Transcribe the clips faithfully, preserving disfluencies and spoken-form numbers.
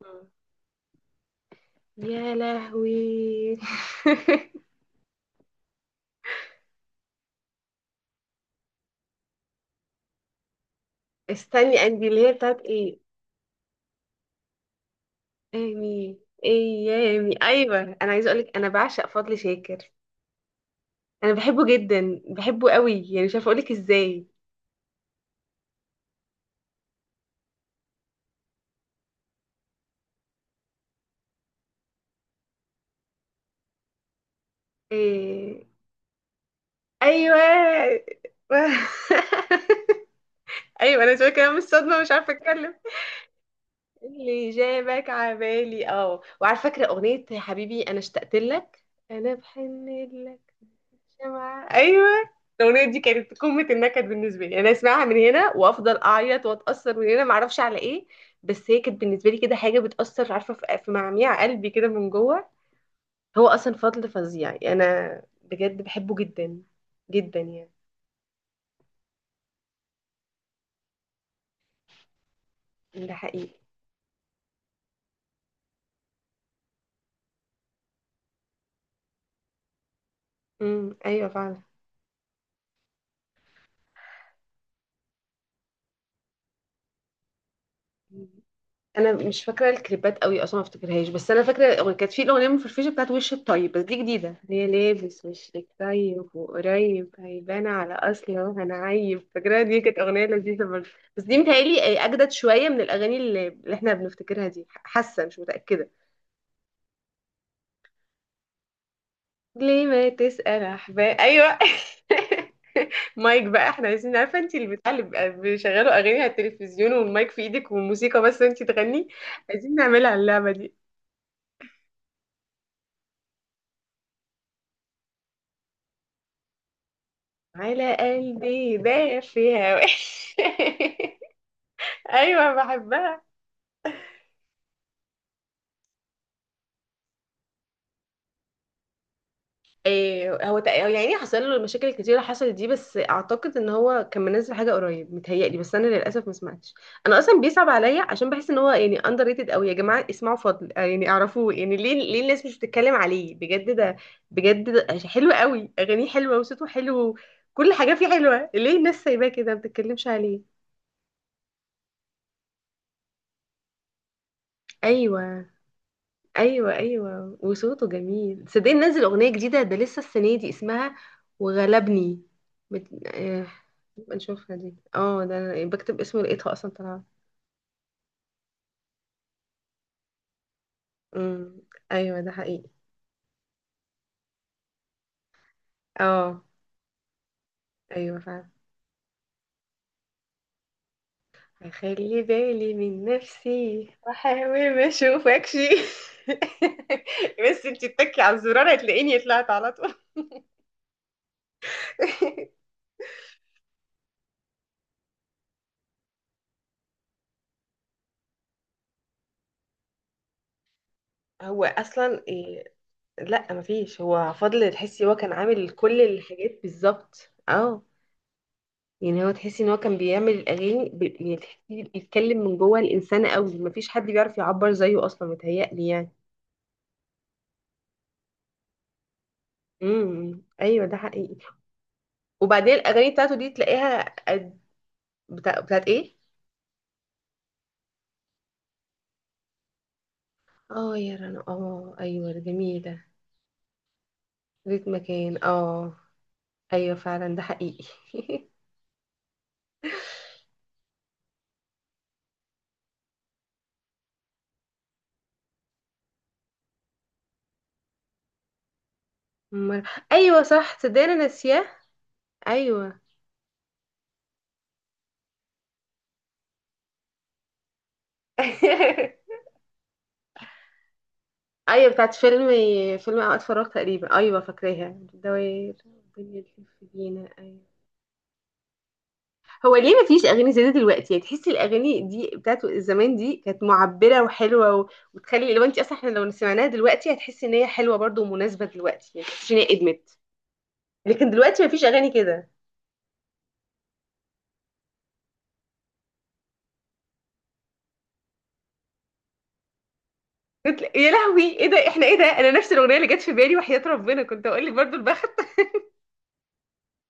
مم. يا لهوي. استني اندي اللي هي بتاعت ايه؟ ايامي، ايامي، ايوه، انا عايزه اقولك انا بعشق فضل شاكر. انا بحبه جدا، بحبه قوي، يعني مش عارفه اقولك ازاي. إيه... ايوه. ايوه، انا شويه كلام الصدمه مش عارفه اتكلم. اللي جابك عبالي، اه، وعلى فكره اغنيه يا حبيبي انا اشتقت لك، انا بحن، شمعة، ايوه. الاغنيه دي كانت قمه النكد بالنسبه لي، انا اسمعها من هنا وافضل اعيط واتاثر من هنا، ما اعرفش على ايه، بس هي كانت بالنسبه لي كده حاجه بتاثر، عارفه، في في معميع قلبي كده من جوه. هو اصلا فضل فظيع، يعني انا بجد بحبه جدا جدا يعني. ده حقيقي. امم، ايوه فعلا. انا مش فاكره الكليبات قوي اصلا، ما افتكرهاش، بس انا فاكره كانت في الاغنيه المفرفشه بتاعت وش الطيب، بس دي جديده اللي هي لابس وشك طيب وقريب هيبان على اصله هنعيب. فاكره دي كانت اغنيه لذيذه برضه، بس دي متهيألي اجدد شويه من الاغاني اللي, اللي احنا بنفتكرها دي، حاسه مش متاكده. ليه ما تسال احباب، ايوه. مايك بقى، احنا عايزين، عارفه انت اللي بتاع اللي بيبقى بيشغلوا اغاني على التلفزيون والمايك في ايدك والموسيقى بس انت تغني، عايزين نعملها اللعبه دي. على قلبي دافية. ايوه، بحبها. إيه هو تق- هو يعني حصل له مشاكل كتيرة حصلت دي، بس اعتقد ان هو كان منزل حاجة قريب متهيألي، بس انا للاسف ما سمعتش. انا اصلا بيصعب عليا عشان بحس ان هو يعني اندر ريتد قوي. يا جماعة اسمعوا فضل، آه، يعني اعرفوه، يعني ليه، ليه الناس مش بتتكلم عليه؟ بجد ده بجد، ده حلو قوي، اغانيه حلوة وصوته حلو. كل حاجة فيه حلوة، ليه الناس سايباه كده ما بتتكلمش عليه؟ ايوه، ايوه ايوه، وصوته جميل، صدقني نزل اغنيه جديده ده لسه السنه دي، اسمها وغلبني. بت... آه... نبقى نشوفها دي، اه، ده أنا بكتب اسمه لقيتها اصلا طالعه. امم، ايوه ده حقيقي. اه. ايوه فعلا. هخلي بالي من نفسي واحاول ما اشوفكش. بس انتي تتكي على الزرار هتلاقيني طلعت على طول. هو اصلا إيه؟ لا مفيش، هو فضل تحسي هو كان عامل كل الحاجات بالظبط، اه. يعني هو تحسي ان هو كان بيعمل الاغاني ب... يعني تحسي بيتكلم من جوه الانسان قوي، مفيش حد بيعرف يعبر زيه اصلا متهيألي يعني. امم، ايوه ده حقيقي. وبعدين الاغاني بتاعته دي تلاقيها. قد- بتاع... بتاعت ايه؟ اه يا رنا، اه ايوه ده جميل ده. ليك مكان، اه. ايوه فعلا ده حقيقي. أمال- ايوه صح، تصدقني انا ناسياه. ايوه. ايوه، بتاعت فيلم، فيلم اوقات فراغ تقريبا، ايوه فاكراها، الدوائر الدنيا تلف بينا، ايوه. هو ليه ما فيش اغاني زي دي دلوقتي؟ يعني تحسي الاغاني دي بتاعت زمان دي كانت معبره وحلوه و... وتخلي لو انت اصلا احنا لو سمعناها دلوقتي هتحسي ان هي حلوه برضو ومناسبه دلوقتي، يعني تحسي ان هي ادمت. لكن دلوقتي ما فيش اغاني كده. بتلا- يا لهوي، ايه ده؟ احنا ايه ده؟ انا نفس الاغنيه اللي جت في بالي، وحياه ربنا كنت اقول لك برضو البخت.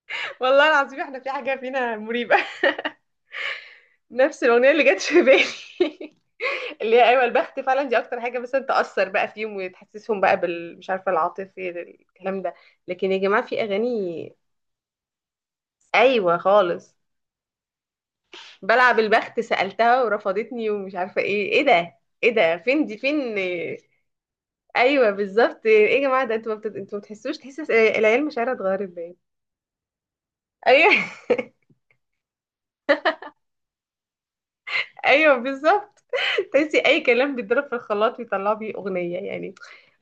والله العظيم احنا في حاجه فينا مريبه. نفس الاغنيه اللي جت في بالي. اللي هي ايوه، البخت فعلا، دي اكتر حاجه مثلا تاثر بقى فيهم وتحسسهم بقى بال، مش عارفه، العاطفه الكلام ده. لكن يا جماعه في اغاني، ايوه خالص. بلعب البخت، سألتها ورفضتني ومش عارفة ايه، ايه ده، ايه ده؟ فين دي فين؟ ايوه بالظبط. ايه يا جماعة، ده انتوا ما بتت- انتوا ما بتحسوش تحس العيال مشاعرها اتغيرت؟ باين. ايوه. ايوه بالظبط. تحسي اي كلام بيتضرب في الخلاط بيطلعوا بيه اغنية يعني.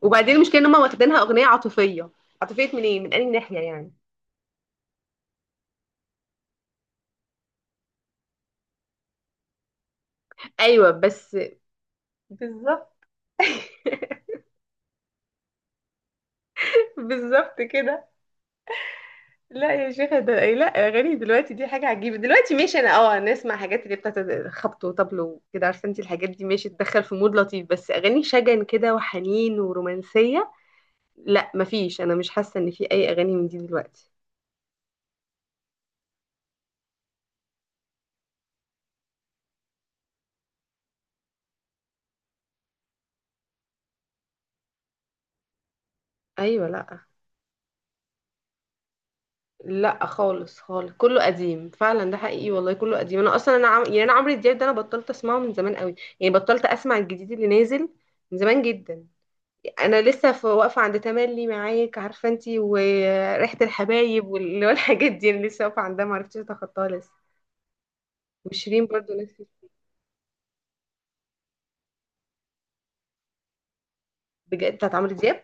وبعدين المشكلة ان هم واخدينها اغنية عاطفية، عاطفية من ايه، من انهي ناحية يعني؟ ايوه بس. بالظبط. بالظبط كده. لا يا شيخة ده إيه؟ لا اغاني دلوقتي دي حاجه عجيبه دلوقتي، ماشي، انا اه انا اسمع حاجات اللي بتاعت خبط وطبل وكده، عارفه انت الحاجات دي ماشي، تدخل في مود لطيف، بس اغاني شجن كده وحنين ورومانسيه، لا مفيش، انا مش حاسه ان في اي اغاني من دي دلوقتي. ايوه، لا. لا خالص، خالص كله قديم فعلا، ده حقيقي والله كله قديم. انا اصلا انا عم... يعني انا عمرو دياب ده انا بطلت اسمعه من زمان قوي، يعني بطلت اسمع الجديد اللي نازل من زمان جدا. انا لسه في واقفه عند تملي معاك، عارفه انتي، وريحه الحبايب وال- والحاجات دي، انا لسه واقفه عندها ما عرفتش اتخطاها لسه. وشيرين برضو نفسي. بجد بتاعت عمرو دياب.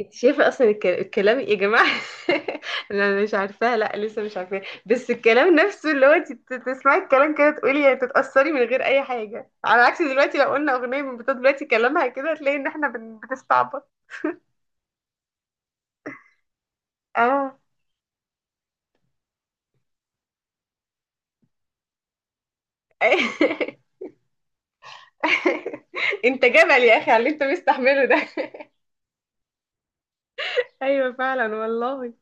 انت شايفه اصلا الك- الكلام إيه يا جماعه؟ انا مش عارفاها، لا لسه مش عارفاها، بس الكلام نفسه اللي هو انت تسمعي الكلام كده تقولي، يعني تتاثري من غير اي حاجه، على عكس دلوقتي لو قلنا اغنيه من بتوع دلوقتي كلامها كده هتلاقي ان احنا بن- بنستعبط. اه. انت جبل يا اخي على اللي انت مستحمله ده. ايوه فعلا والله.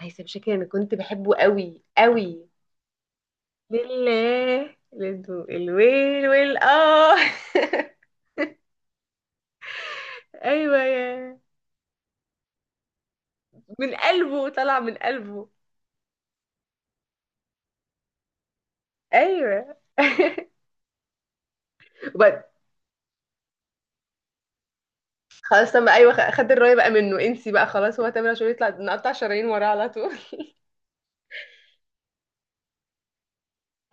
هيثم شاكر انا كنت بحبه قوي قوي. لله للدو الويل ويل، اه. ايوه يا. من قلبه طلع، من قلبه. ايوه. وبعد، خلاص تم، ايوه، خ- خد الرايه بقى منه، انسي بقى خلاص، هو تامر عاشور يطلع نقطع شرايين وراه على طول.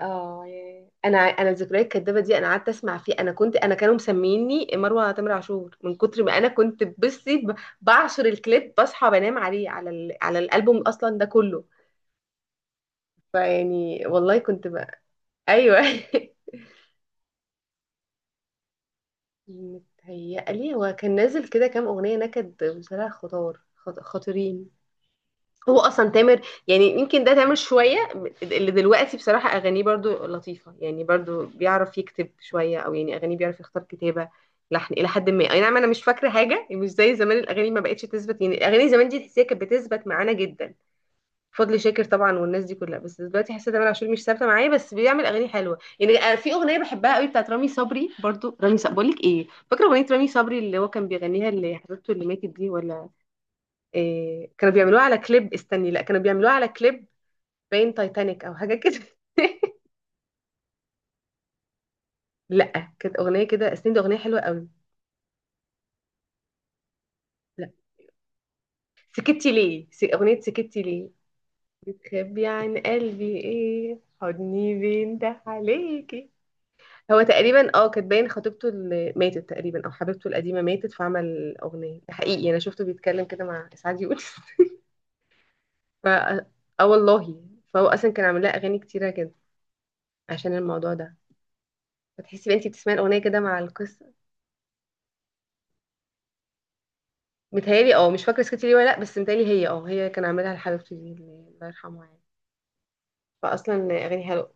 اه ياه. انا انا الذكريات الكدابه دي انا قعدت اسمع فيه، انا كنت، انا كانوا مسميني مروه تامر عاشور من كتر ما انا كنت بصي ب- بعشر الكليب، بصحى بنام عليه على ال... على الالبوم اصلا ده كله، فيعني والله كنت بقى. ايوه. متهيألي هو كان نازل كده كام اغنيه نكد بصراحه، خطار خط... خطيرين. هو اصلا تامر، يعني يمكن ده تامر شويه اللي دلوقتي بصراحه اغانيه برضو لطيفه، يعني برضو بيعرف يكتب شويه او يعني اغانيه بيعرف يختار كتابه، لحن الى حد ما، اي نعم، انا مش فاكره حاجه مش زي زمان، الاغاني ما بقتش تثبت يعني، الاغاني زمان دي تحسيها كانت بتثبت معانا جدا، فضل شاكر طبعا والناس دي كلها، بس دلوقتي حاسه تامر عاشور مش ثابته معايا، بس بيعمل اغاني حلوه يعني. أنا في اغنيه بحبها قوي بتاعت رامي صبري، برضو رامي صبري، بقول لك ايه، فاكره اغنيه رامي صبري اللي هو كان بيغنيها اللي حبيبته اللي ماتت دي ولا إيه؟ كانوا بيعملوها على كليب، استني، لا كانوا بيعملوها على كليب، باين تايتانيك او حاجه كده. لا كانت اغنيه كده، استني، دي اغنيه حلوه قوي. لا، سكتي ليه، س- اغنيه سكتي ليه. بتخبي عن قلبي ايه، حضني بين ده عليكي. هو تقريبا اه كانت باين خطيبته اللي ماتت تقريبا، او حبيبته القديمه ماتت، فعمل اغنيه، ده حقيقي انا شفته بيتكلم كده مع اسعاد يونس. ف، اه والله. فهو اصلا كان عامل لها اغاني كتيره كده عشان الموضوع ده، فتحسي بقى انتي بتسمعي الاغنيه كده مع القصه. متهيألي، اه مش فاكرة سكتي ليه ولا لأ، بس متهيألي هي، اه هي كان عاملها لحبيبته دي اللي الله يرحمها يعني، فأصلا أغاني حلوة.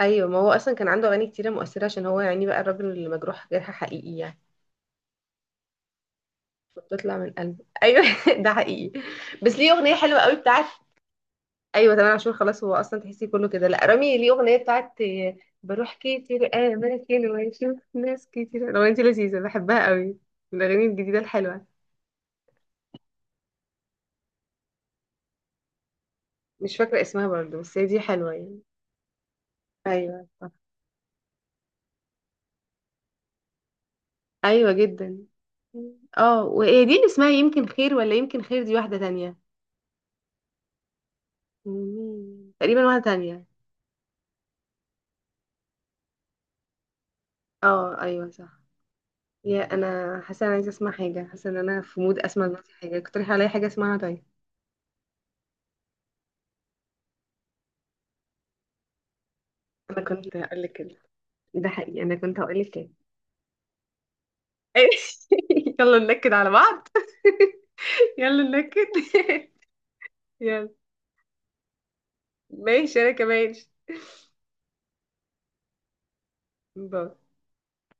أيوة ما هو أصلا كان عنده أغاني كتيرة مؤثرة عشان هو يعني بقى الراجل اللي مجروح جرح حقيقي يعني، بتطلع من قلبه. أيوة. ده حقيقي. بس ليه أغنية حلوة قوي بتاعت، أيوة تمام، عاشور خلاص، هو أصلا تحسي كله كده، لأ رامي ليه أغنية بتاعت، آه، بروح كتير أماكن وأشوف ناس كتير، الأغنية دي لذيذة بحبها قوي، من الأغاني الجديدة الحلوة. مش فاكرة اسمها برضه، بس هي دي حلوة يعني. أيوة، ايوه جدا. اه وايه دي اللي اسمها يمكن خير، ولا يمكن خير دي واحدة تانية. مم. تقريبا واحدة تانية. اه ايوه صح. يا انا حاسة انا عايزة اسمع حاجة، حاسة ان انا في مود اسمع دلوقتي حاجة، اقترحي عليا حاجة اسمعها طيب. انا كنت هقول لك كده. ده حقيقي، انا كنت هقول لك كده. يلا ننكد على بعض. يلا ننكد. يلا. ماشي انا كمان. باي.